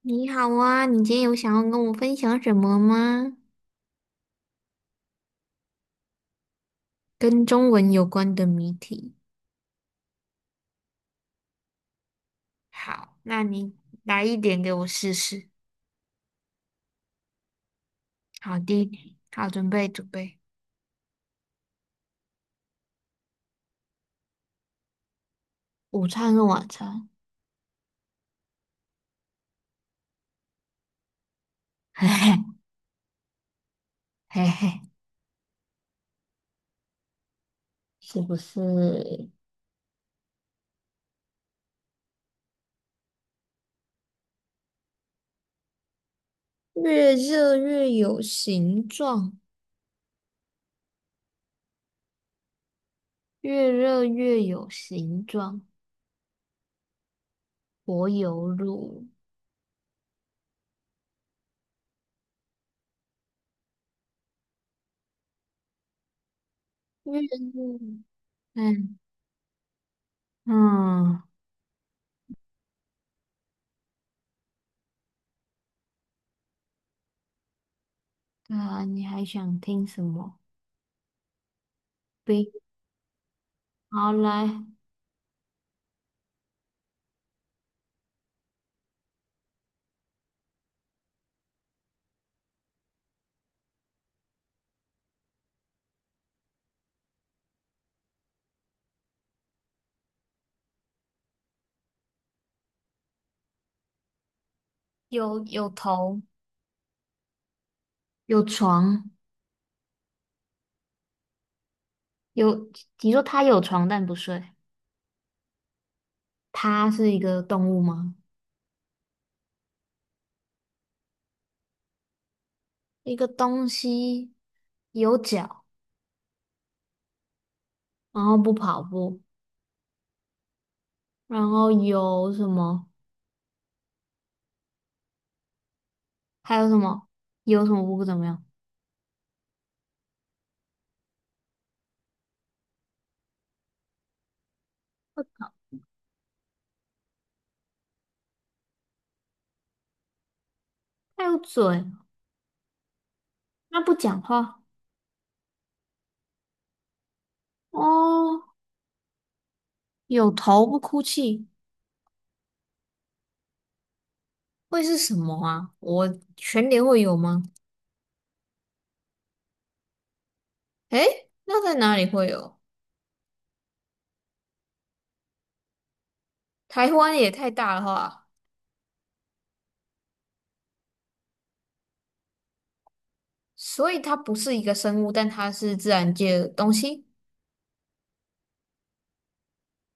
你好啊，你今天有想要跟我分享什么吗？跟中文有关的谜题。好，那你来一点给我试试。好，的，好，准备准备。午餐跟晚餐，嘿嘿嘿嘿，是不是越热越有形状？越热越有形状，柏油路。越热，嗯嗯，对啊，你还想听什么？冰，好来。有头，有床，有，你说它有床但不睡，它是一个动物吗？一个东西有脚，然后不跑步，然后有什么？还有什么？有什么不怎么样？他有嘴，它不讲话。哦，有头不哭泣，会是什么啊？我全年会有吗？诶，那在哪里会有？台湾也太大了吧？所以它不是一个生物，但它是自然界的东西。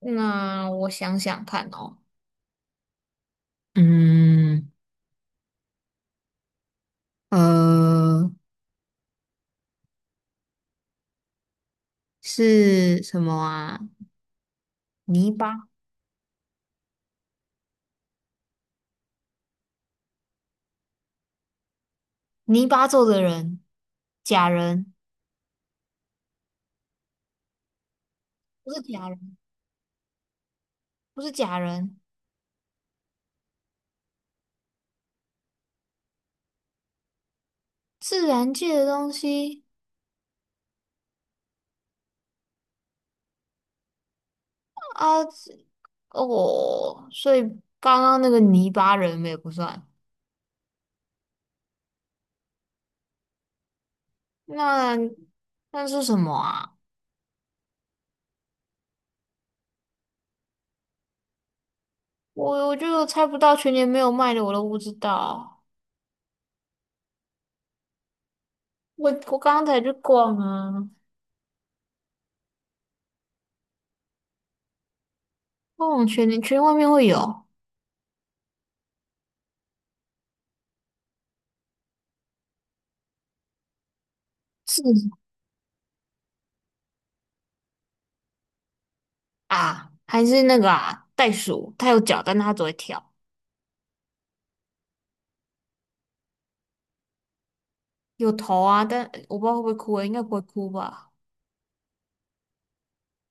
那我想想看哦，嗯，呃，是什么啊？泥巴，泥巴做的人，假人，不是假人，不是假人，自然界的东西啊，这哦，所以刚刚那个泥巴人也不算。那那是什么啊？我就猜不到，全年没有卖的我都不知道。我刚刚才去逛啊，逛全年圈外面会有是啊，还是那个啊，袋鼠，它有脚，但它只会跳，有头啊，但我不知道会不会哭、欸，应该不会哭吧？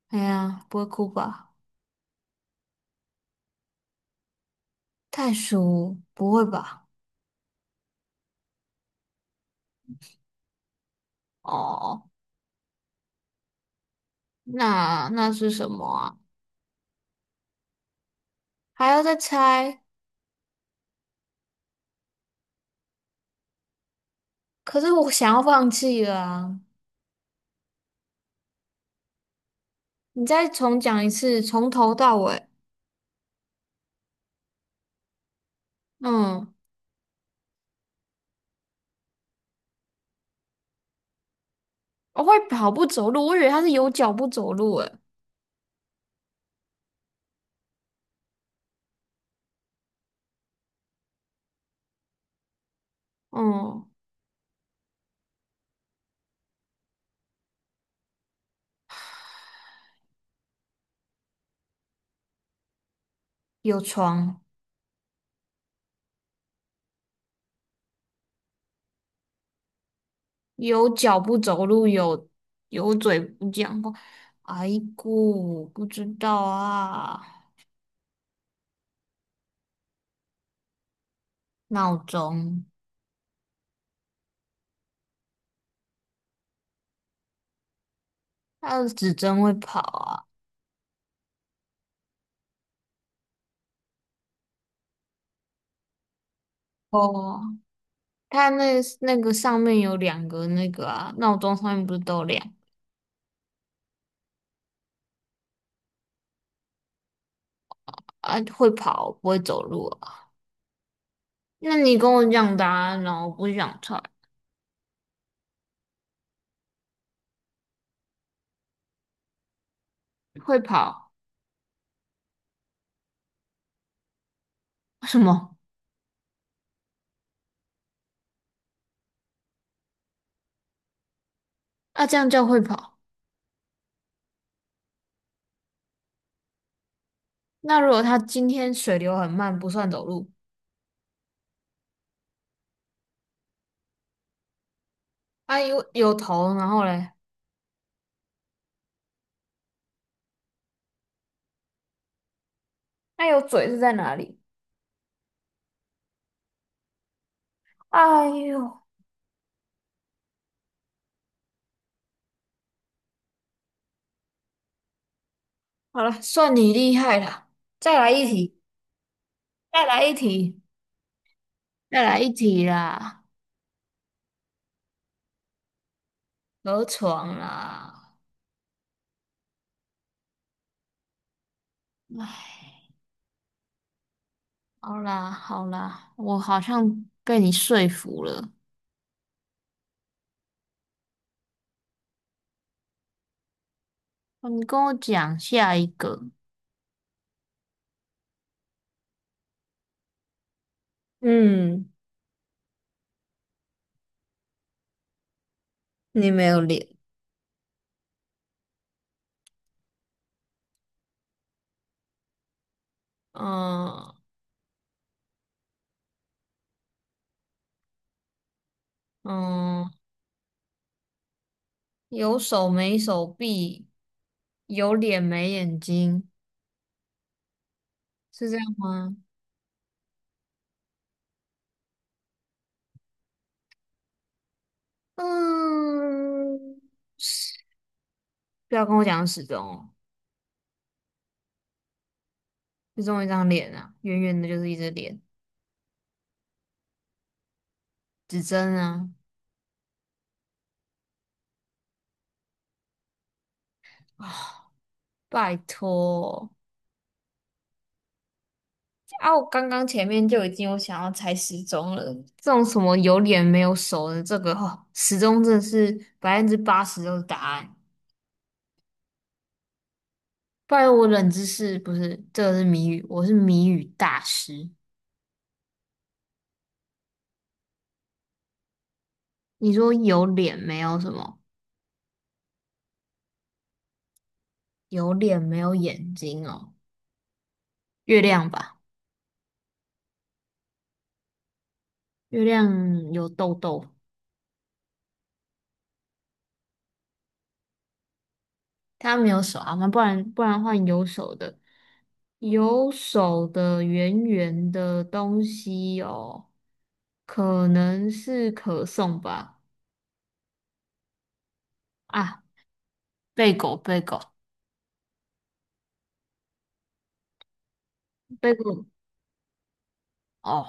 哎呀，不会哭吧？袋鼠不会吧？哦，那是什么啊？还要再猜？可是我想要放弃了啊！你再重讲一次，从头到尾。嗯，我会跑步走路，我以为它是有脚不走路诶。嗯，有床。有脚不走路，有嘴不讲话。哎姑，不知道啊。闹钟，它的指针会跑啊。哦，它那个上面有两个那个啊，闹钟上面不是都有两个啊？会跑，不会走路啊。那你跟我讲答案哦，我不想猜。会跑 什么？啊，这样叫会跑？那如果它今天水流很慢，不算走路。啊，有头，然后嘞，那有嘴是在哪里？哎呦，好了，算你厉害了。再来一题，再来一题，再来一题啦！河床啦，哎，好啦好啦，我好像被你说服了。哦你跟我讲下一个，嗯，你没有脸。嗯嗯，有手没手臂，有脸没眼睛，是这样吗？嗯，不要跟我讲时钟哦。就中一张脸啊，圆圆的，就是一只脸，指针啊，啊，拜托啊！我刚刚前面就已经有想要猜时钟了，这种什么有脸没有手的，这个哦，时钟真的是80%都是答案。不然我冷知识不是，这个是谜语，我是谜语大师。你说有脸没有什么？有脸没有眼睛哦，月亮吧，月亮有痘痘。他没有手啊，那不然换有手的，有手的圆圆的东西哦，可能是可颂吧？啊，贝果贝果贝果哦，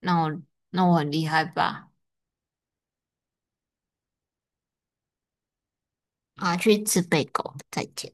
那我那我很厉害吧？啊，去吃贝果，再见。